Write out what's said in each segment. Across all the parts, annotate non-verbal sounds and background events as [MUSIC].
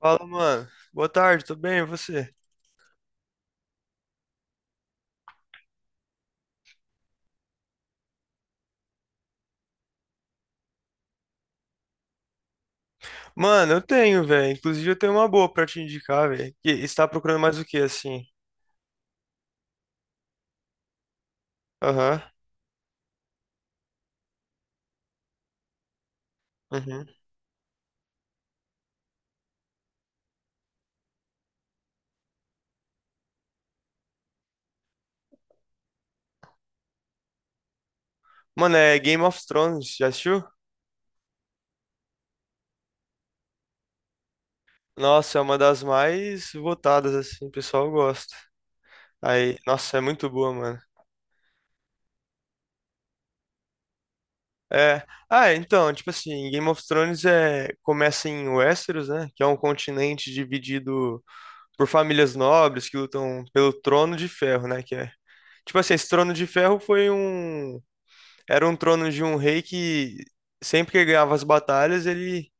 Fala, mano. Boa tarde, tudo bem? E você? Mano, eu tenho, velho. Inclusive, eu tenho uma boa pra te indicar, velho. Que está procurando mais o que, assim? Aham. Uhum. Mano, é Game of Thrones, já assistiu? Nossa, é uma das mais votadas, assim, o pessoal gosta. Aí, nossa, é muito boa, mano. É. Ah, então, tipo assim, Game of Thrones começa em Westeros, né? Que é um continente dividido por famílias nobres que lutam pelo Trono de Ferro, né? Que é. Tipo assim, esse Trono de Ferro foi um era um trono de um rei que sempre que ele ganhava as batalhas, ele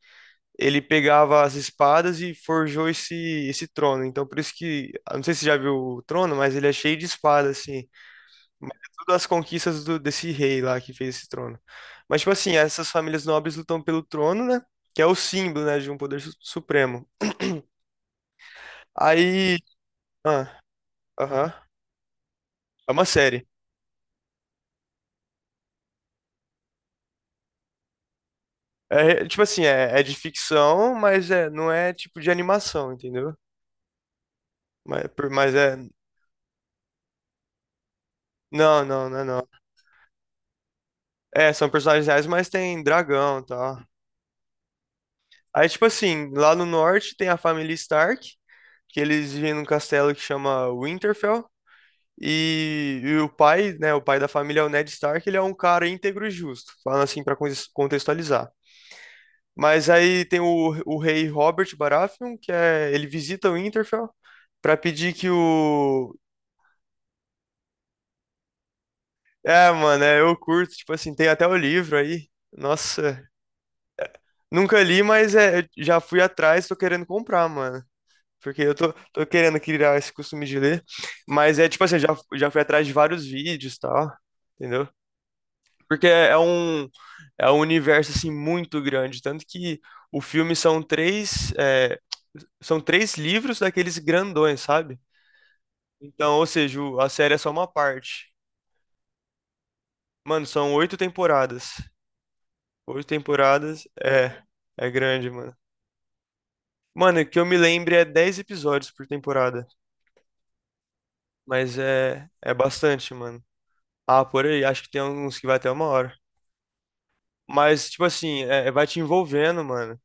ele pegava as espadas e forjou esse trono. Então por isso que, eu não sei se você já viu o trono, mas ele é cheio de espadas assim. Mas é tudo as conquistas desse rei lá que fez esse trono. Mas tipo assim, essas famílias nobres lutam pelo trono, né? Que é o símbolo, né, de um poder supremo. [CLEARS THROAT] Aí, ah, aham, é uma série. É, tipo assim, é de ficção, mas não é tipo de animação, entendeu? Mas, por, mas é. Não, não, não, é não. É, são personagens reais, mas tem dragão e tal. Aí, tipo assim, lá no norte tem a família Stark, que eles vivem num castelo que chama Winterfell. E o pai, né, o pai da família é o Ned Stark, ele é um cara íntegro e justo, falando assim pra contextualizar. Mas aí tem o rei Robert Baratheon, que é, ele visita o Winterfell pra pedir que o... É, mano, é, eu curto, tipo assim, tem até o livro aí. Nossa, nunca li, mas é, eu já fui atrás, tô querendo comprar, mano. Porque eu tô querendo criar esse costume de ler. Mas é tipo assim, já fui atrás de vários vídeos e tal, entendeu? Porque é, é um universo, assim, muito grande. Tanto que o filme são três, são três livros daqueles grandões, sabe? Então, ou seja, a série é só uma parte. Mano, são oito temporadas. Oito temporadas, é grande, mano. Mano, que eu me lembre é 10 episódios por temporada. Mas é bastante, mano. Ah, por aí, acho que tem uns que vai até uma hora. Mas, tipo assim, vai te envolvendo, mano.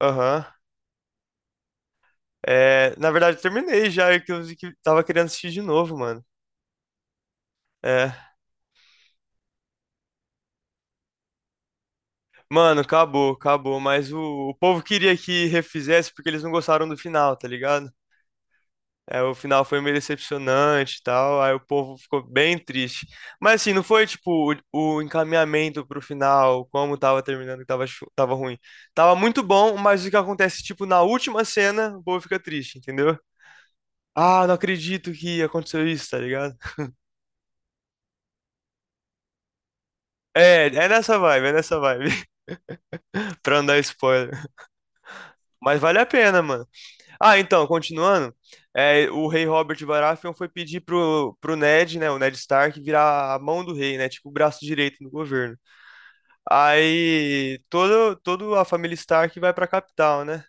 Aham. É, na verdade, eu terminei já, é que eu vi que tava querendo assistir de novo, mano. É. Mano, acabou, acabou. Mas o povo queria que refizesse porque eles não gostaram do final, tá ligado? É, o final foi meio decepcionante e tal, aí o povo ficou bem triste. Mas assim, não foi tipo o encaminhamento pro final, como tava terminando, que tava, tava ruim. Tava muito bom, mas o que acontece, tipo, na última cena, o povo fica triste, entendeu? Ah, não acredito que aconteceu isso, tá ligado? É nessa vibe, é nessa vibe, [LAUGHS] pra não dar spoiler. Mas vale a pena, mano. Ah, então, continuando, o rei Robert Baratheon foi pedir pro Ned, né, o Ned Stark, virar a mão do rei, né, tipo o braço direito do governo. Aí toda a família Stark vai pra capital, né?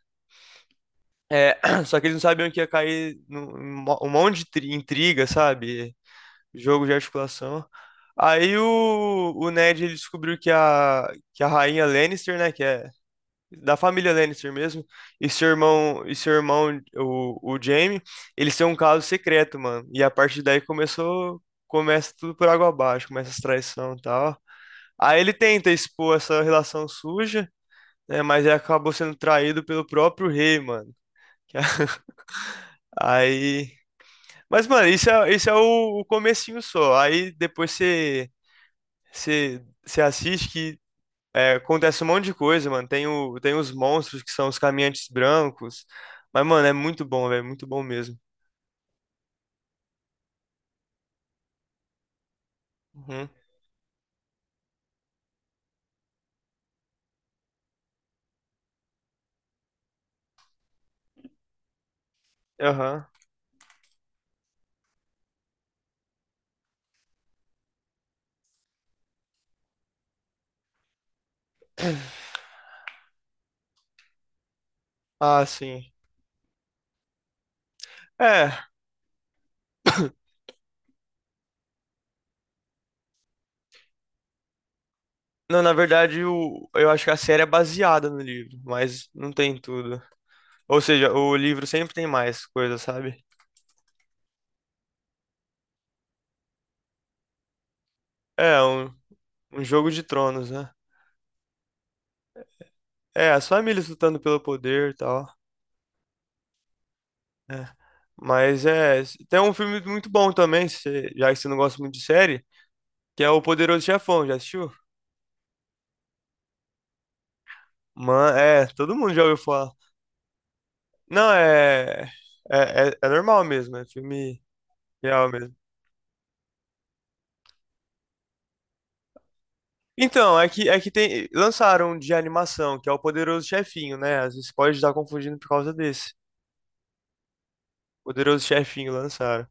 É, [CLEARS THROAT] só que eles não sabiam que ia cair um monte de intriga, sabe? Jogo de articulação. Aí o Ned ele descobriu que a rainha Lannister, né? Que é da família Lannister mesmo, e seu irmão, o Jaime, eles têm um caso secreto, mano. E a partir daí começa tudo por água abaixo, começa as traições e tal. Aí ele tenta expor essa relação suja, né? Mas aí acabou sendo traído pelo próprio rei, mano. [LAUGHS] Aí. Mas, mano, isso é o comecinho só. Aí depois você assiste que acontece um monte de coisa, mano. Tem os monstros que são os caminhantes brancos. Mas, mano, é muito bom, velho. Muito bom mesmo. Uhum. Aham. Ah, sim. É. Não, na verdade, eu acho que a série é baseada no livro, mas não tem tudo. Ou seja, o livro sempre tem mais coisa, sabe? É, um jogo de tronos, né? É, as famílias lutando pelo poder e tal. É. Mas é. Tem um filme muito bom também, já que você não gosta muito de série, que é O Poderoso Chefão, já assistiu? Mano, todo mundo já ouviu falar. Não, é. É normal mesmo, é filme real mesmo. Então, é que tem, lançaram um de animação, que é O Poderoso Chefinho, né? Às vezes pode estar confundindo por causa desse. Poderoso Chefinho lançaram.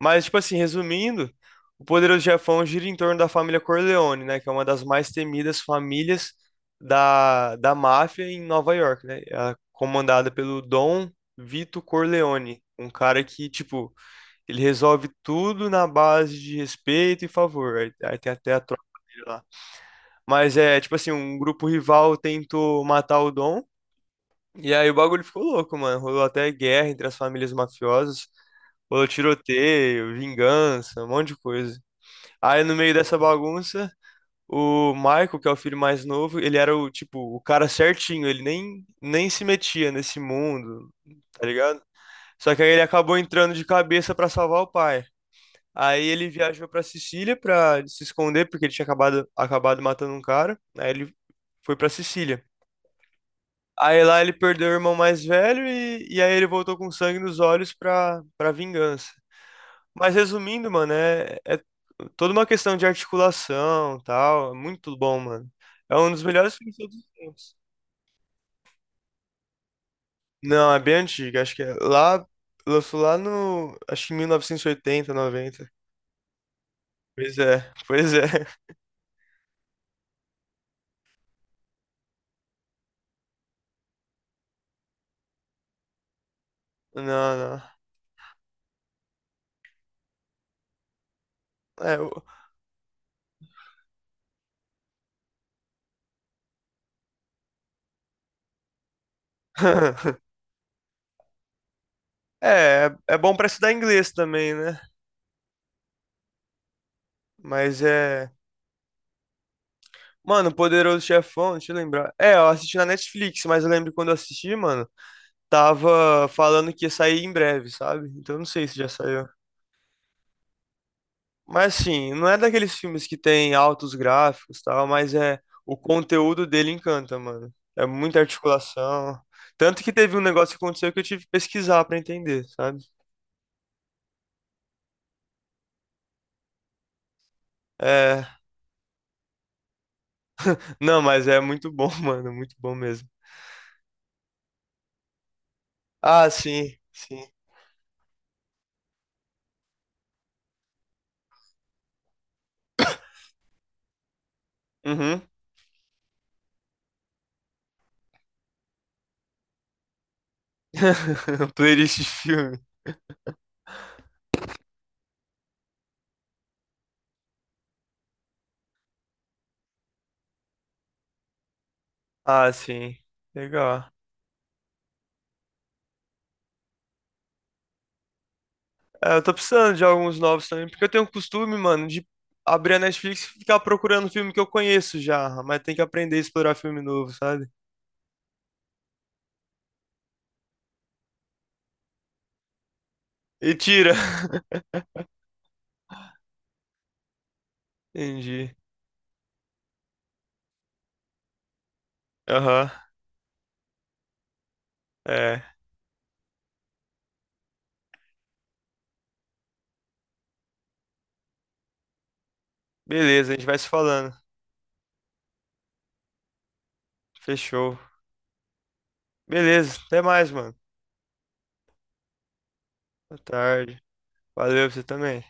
Mas, tipo assim, resumindo, o Poderoso Chefão gira em torno da família Corleone, né? Que é uma das mais temidas famílias da máfia em Nova York, né? É comandada pelo Dom Vito Corleone, um cara que, tipo, ele resolve tudo na base de respeito e favor. Aí tem até a tropa dele lá. Mas é, tipo assim, um grupo rival tentou matar o Dom. E aí o bagulho ficou louco, mano. Rolou até guerra entre as famílias mafiosas. Rolou tiroteio, vingança, um monte de coisa. Aí no meio dessa bagunça, o Michael, que é o filho mais novo, ele era o tipo, o cara certinho, ele nem se metia nesse mundo, tá ligado? Só que aí ele acabou entrando de cabeça pra salvar o pai. Aí ele viajou pra Sicília pra se esconder, porque ele tinha acabado matando um cara. Aí ele foi pra Sicília. Aí lá ele perdeu o irmão mais velho e aí ele voltou com sangue nos olhos pra vingança. Mas resumindo, mano, é toda uma questão de articulação, tal, é muito bom, mano. É um dos melhores filmes de todos os tempos. Não, é bem antigo, acho que é lá, lançou lá no, acho que em 1980, 90. Pois é, pois é. [LAUGHS] Não, não. É, [LAUGHS] é bom pra estudar inglês também, né? Mas é. Mano, Poderoso Chefão, deixa eu lembrar. É, eu assisti na Netflix, mas eu lembro quando eu assisti, mano, tava falando que ia sair em breve, sabe? Então eu não sei se já saiu. Mas assim, não é daqueles filmes que tem altos gráficos e tal, mas é o conteúdo dele encanta, mano. É muita articulação. Tanto que teve um negócio que aconteceu que eu tive que pesquisar pra entender, sabe? É, não, mas é muito bom, [LAUGHS] mano, muito bom mesmo. Ah, sim, sim. Uhum. [LAUGHS] Playlist de filme. Ah, sim. Legal. É, eu tô precisando de alguns novos também, porque eu tenho o costume, mano, de abrir a Netflix e ficar procurando filme que eu conheço já, mas tem que aprender a explorar filme novo, sabe? E tira. [LAUGHS] Entendi. Aham. É. Beleza, a gente vai se falando. Fechou. Beleza, até mais, mano. Boa tarde. Valeu, você também.